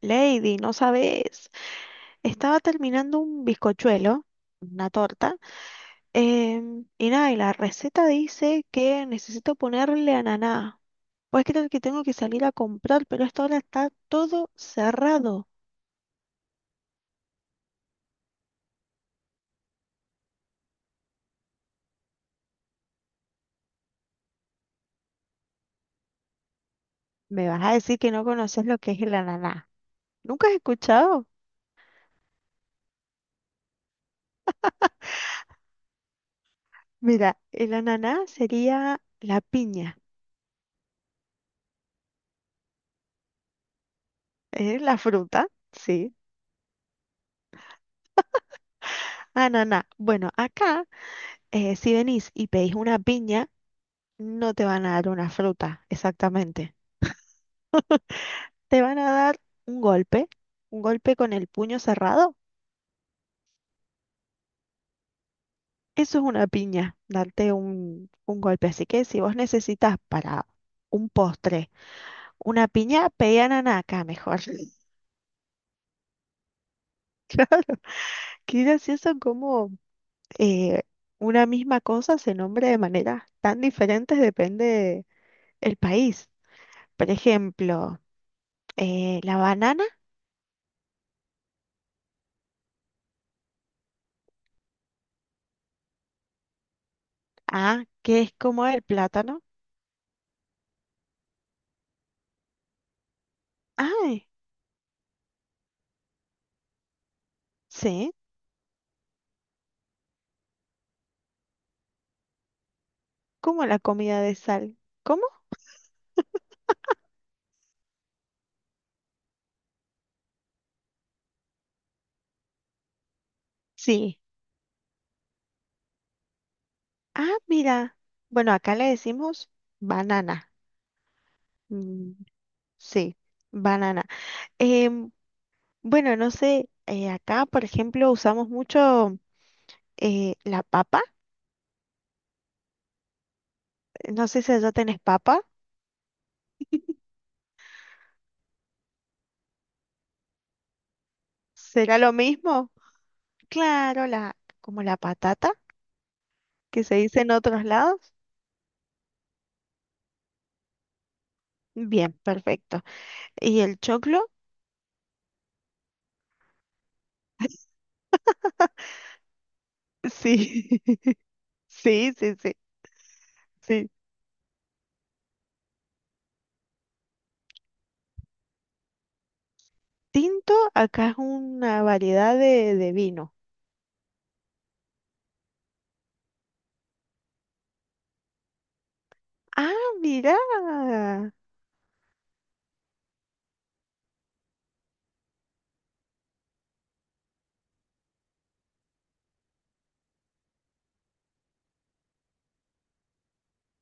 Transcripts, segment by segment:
Lady, no sabes. Estaba terminando un bizcochuelo, una torta, y nada, y la receta dice que necesito ponerle ananá. Pues creer que tengo que salir a comprar, pero hasta ahora está todo cerrado. Me vas a decir que no conoces lo que es el ananá. ¿Nunca has escuchado? Mira, el ananá sería la piña, es la fruta, sí. Ananá. Bueno, acá, si venís y pedís una piña, no te van a dar una fruta, exactamente. Te van a dar un golpe, un golpe con el puño cerrado. Eso es una piña, darte un golpe. Así que si vos necesitas para un postre una piña, pedí acá mejor. Qué gracioso cómo eh, una misma cosa se nombra de maneras tan diferentes depende el país. Por ejemplo, la banana, ah, que es como el plátano. Ay, sí. ¿Cómo la comida de sal? ¿Cómo? Sí. Ah, mira. Bueno, acá le decimos banana. Mm, sí, banana. Em, bueno, no sé, acá, por ejemplo, usamos mucho la papa. No sé si allá tenés papa. ¿Será lo mismo? Claro, como la patata, que se dice en otros lados. Bien, perfecto. ¿Y el choclo? Sí, sí, sí, sí, sí. Tinto, acá es una variedad de vino. Ah, mira.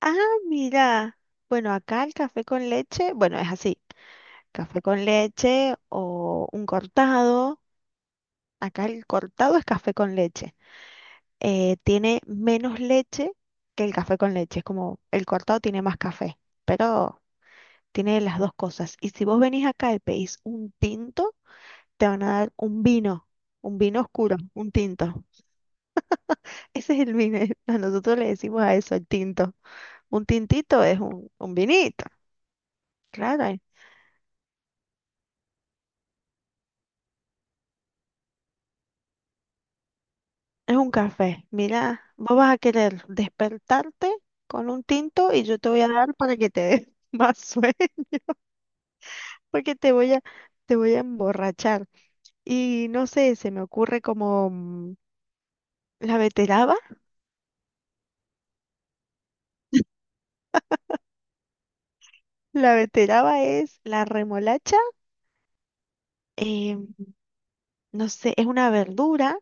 Ah, mira. Bueno, acá el café con leche, bueno, es así. Café con leche o un cortado. Acá el cortado es café con leche. Tiene menos leche que el café con leche. Es como el cortado tiene más café, pero tiene las dos cosas. Y si vos venís acá y pedís un tinto, te van a dar un vino oscuro, un tinto. Ese es el vino. A Nosotros le decimos a eso el tinto. Un tintito es un vinito. Claro, es un café. Mira, vos vas a querer despertarte con un tinto y yo te voy a dar para que te des más sueño, porque te voy te voy a emborrachar. Y no sé, se me ocurre como mm, la beteraba. La beteraba es la remolacha. eh, no sé, es una verdura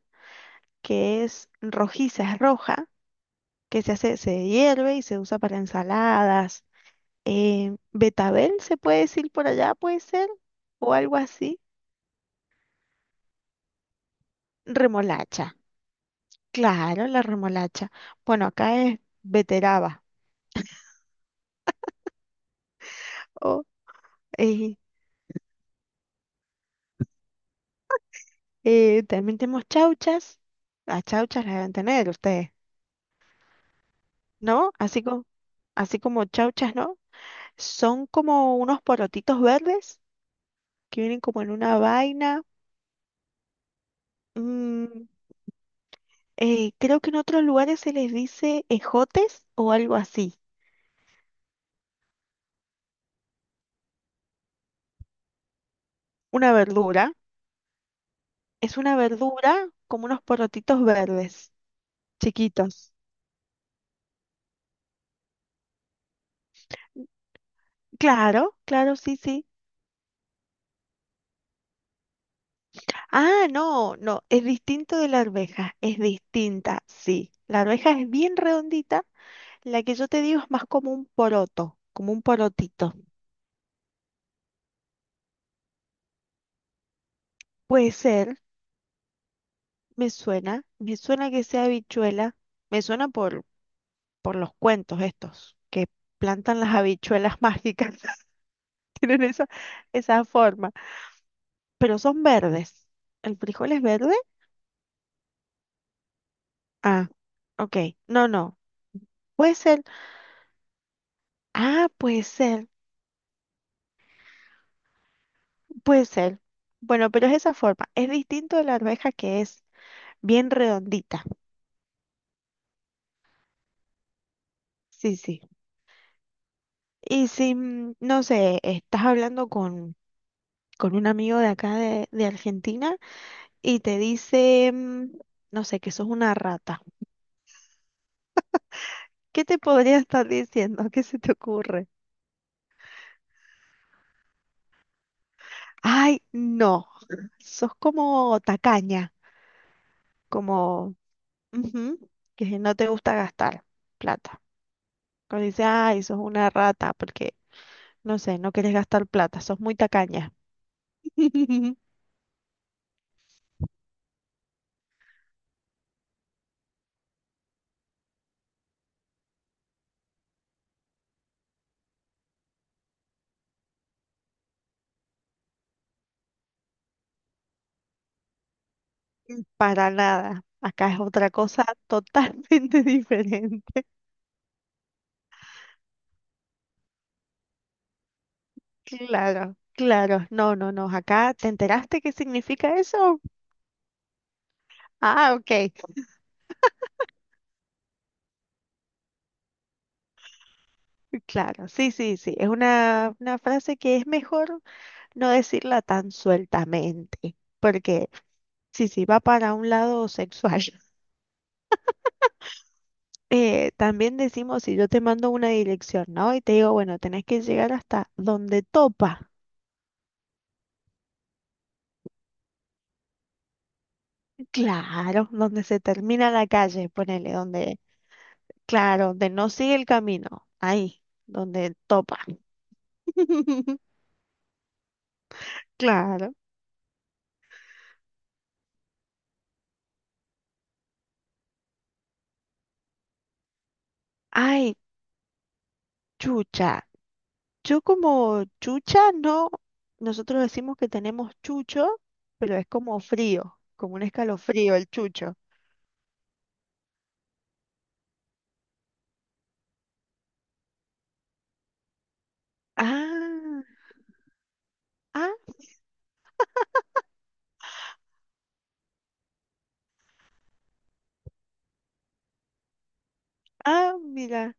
que es rojiza, es roja que se hace, se hierve y se usa para ensaladas. Betabel se puede decir por allá, puede ser, o algo así. Remolacha, claro, la remolacha. Bueno, acá es beteraba. O, eh, también tenemos chauchas. Las chauchas las deben tener ustedes, ¿no? Así como chauchas, ¿no? Son como unos porotitos verdes que vienen como en una vaina. Mm, creo que en otros lugares se les dice ejotes o algo así. Una verdura. Es una verdura como unos porotitos verdes, chiquitos. Claro, claro, sí, sí. Ah, no, no, es distinto de la arveja, es distinta, sí. La arveja es bien redondita, la que yo te digo es más como un poroto, como un porotito. Puede ser, me suena que sea habichuela, me suena por los cuentos estos, que plantan las habichuelas mágicas, tienen esa forma, pero son verdes. El frijol es verde. Ah, ok. No, no. Puede ser. Ah, puede ser. Puede ser. Bueno, pero es esa forma. Es distinto de la arveja que es bien redondita. Sí, sí. Y si, mm, no sé, estás hablando con un amigo de acá de Argentina y te dice, mm, no sé, que sos una rata. ¿Qué te podría estar diciendo? ¿Qué se te ocurre? Ay, no. Sos como tacaña, como ujú, que no te gusta gastar plata. Cuando dice, ay, sos una rata, porque, no sé, no querés gastar plata, sos muy tacaña. Para nada. Acá es otra cosa totalmente diferente. Claro, claro. No, no, no. Acá, ¿te enteraste qué significa eso? Ah, ok. Claro, sí, sí, sí. Es una frase que es mejor no decirla tan sueltamente, porque sí, sí, va para un lado sexual. También decimos, si yo te mando una dirección, ¿no? Y te digo, bueno, tenés que llegar hasta donde topa, claro, donde se termina la calle, ponele, donde, claro, donde no sigue el camino, ahí, donde topa. Claro. Ay, chucha. Yo como chucha, no, nosotros decimos que tenemos chucho, pero es como frío, como un escalofrío el chucho. Ah, ah, ah, mira.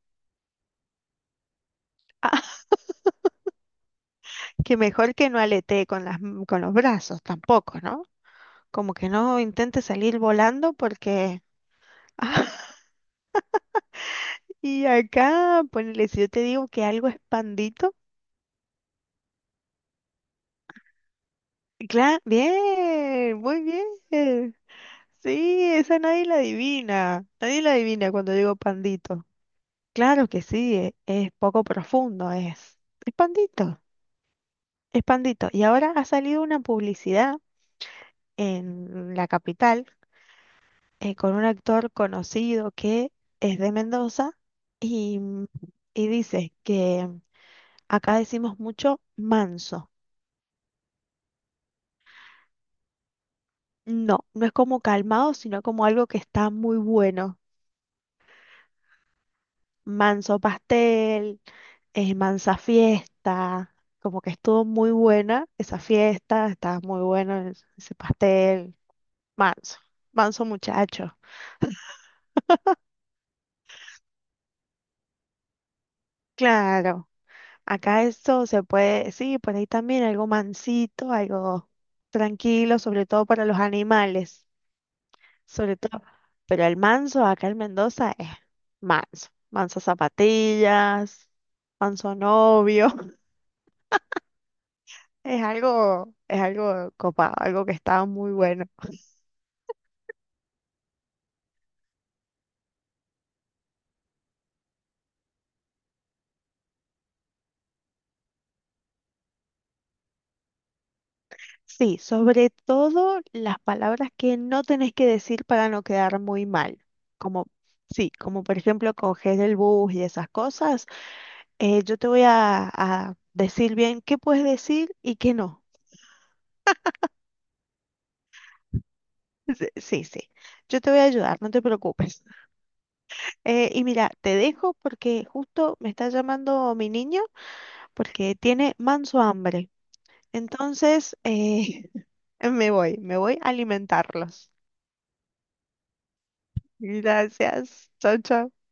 Que mejor que no aletee con con los brazos tampoco, ¿no? Como que no intente salir volando porque... Y acá, ponele, si yo te digo que algo es pandito, claro, bien, muy bien. Sí, esa nadie la adivina. Nadie la adivina cuando digo pandito. Claro que sí, es, poco profundo, es. Es pandito, es pandito. Y ahora ha salido una publicidad en la capital con un actor conocido que es de Mendoza y, mm, y dice que mm, acá decimos mucho manso. No, no es como calmado, sino como algo que está muy bueno. Manso pastel, mansa fiesta, como que estuvo muy buena esa fiesta, estaba muy bueno ese pastel. Manso, manso muchacho. Claro. Acá esto se puede, sí, por ahí también algo mansito, algo tranquilo, sobre todo para los animales, sobre todo. Pero el manso acá en Mendoza es manso, manso zapatillas, manso novio, es algo copado, algo que está muy bueno. Sí, sobre todo las palabras que no tenés que decir para no quedar muy mal, como, sí, como por ejemplo coger el bus y esas cosas. Yo te voy a decir bien qué puedes decir y qué no. Sí, sí. sí. Yo te voy a ayudar, no te preocupes. Y mira, te dejo porque justo me está llamando mi niño porque tiene manso hambre. Entonces, me voy a alimentarlos. Gracias. Chao, chao.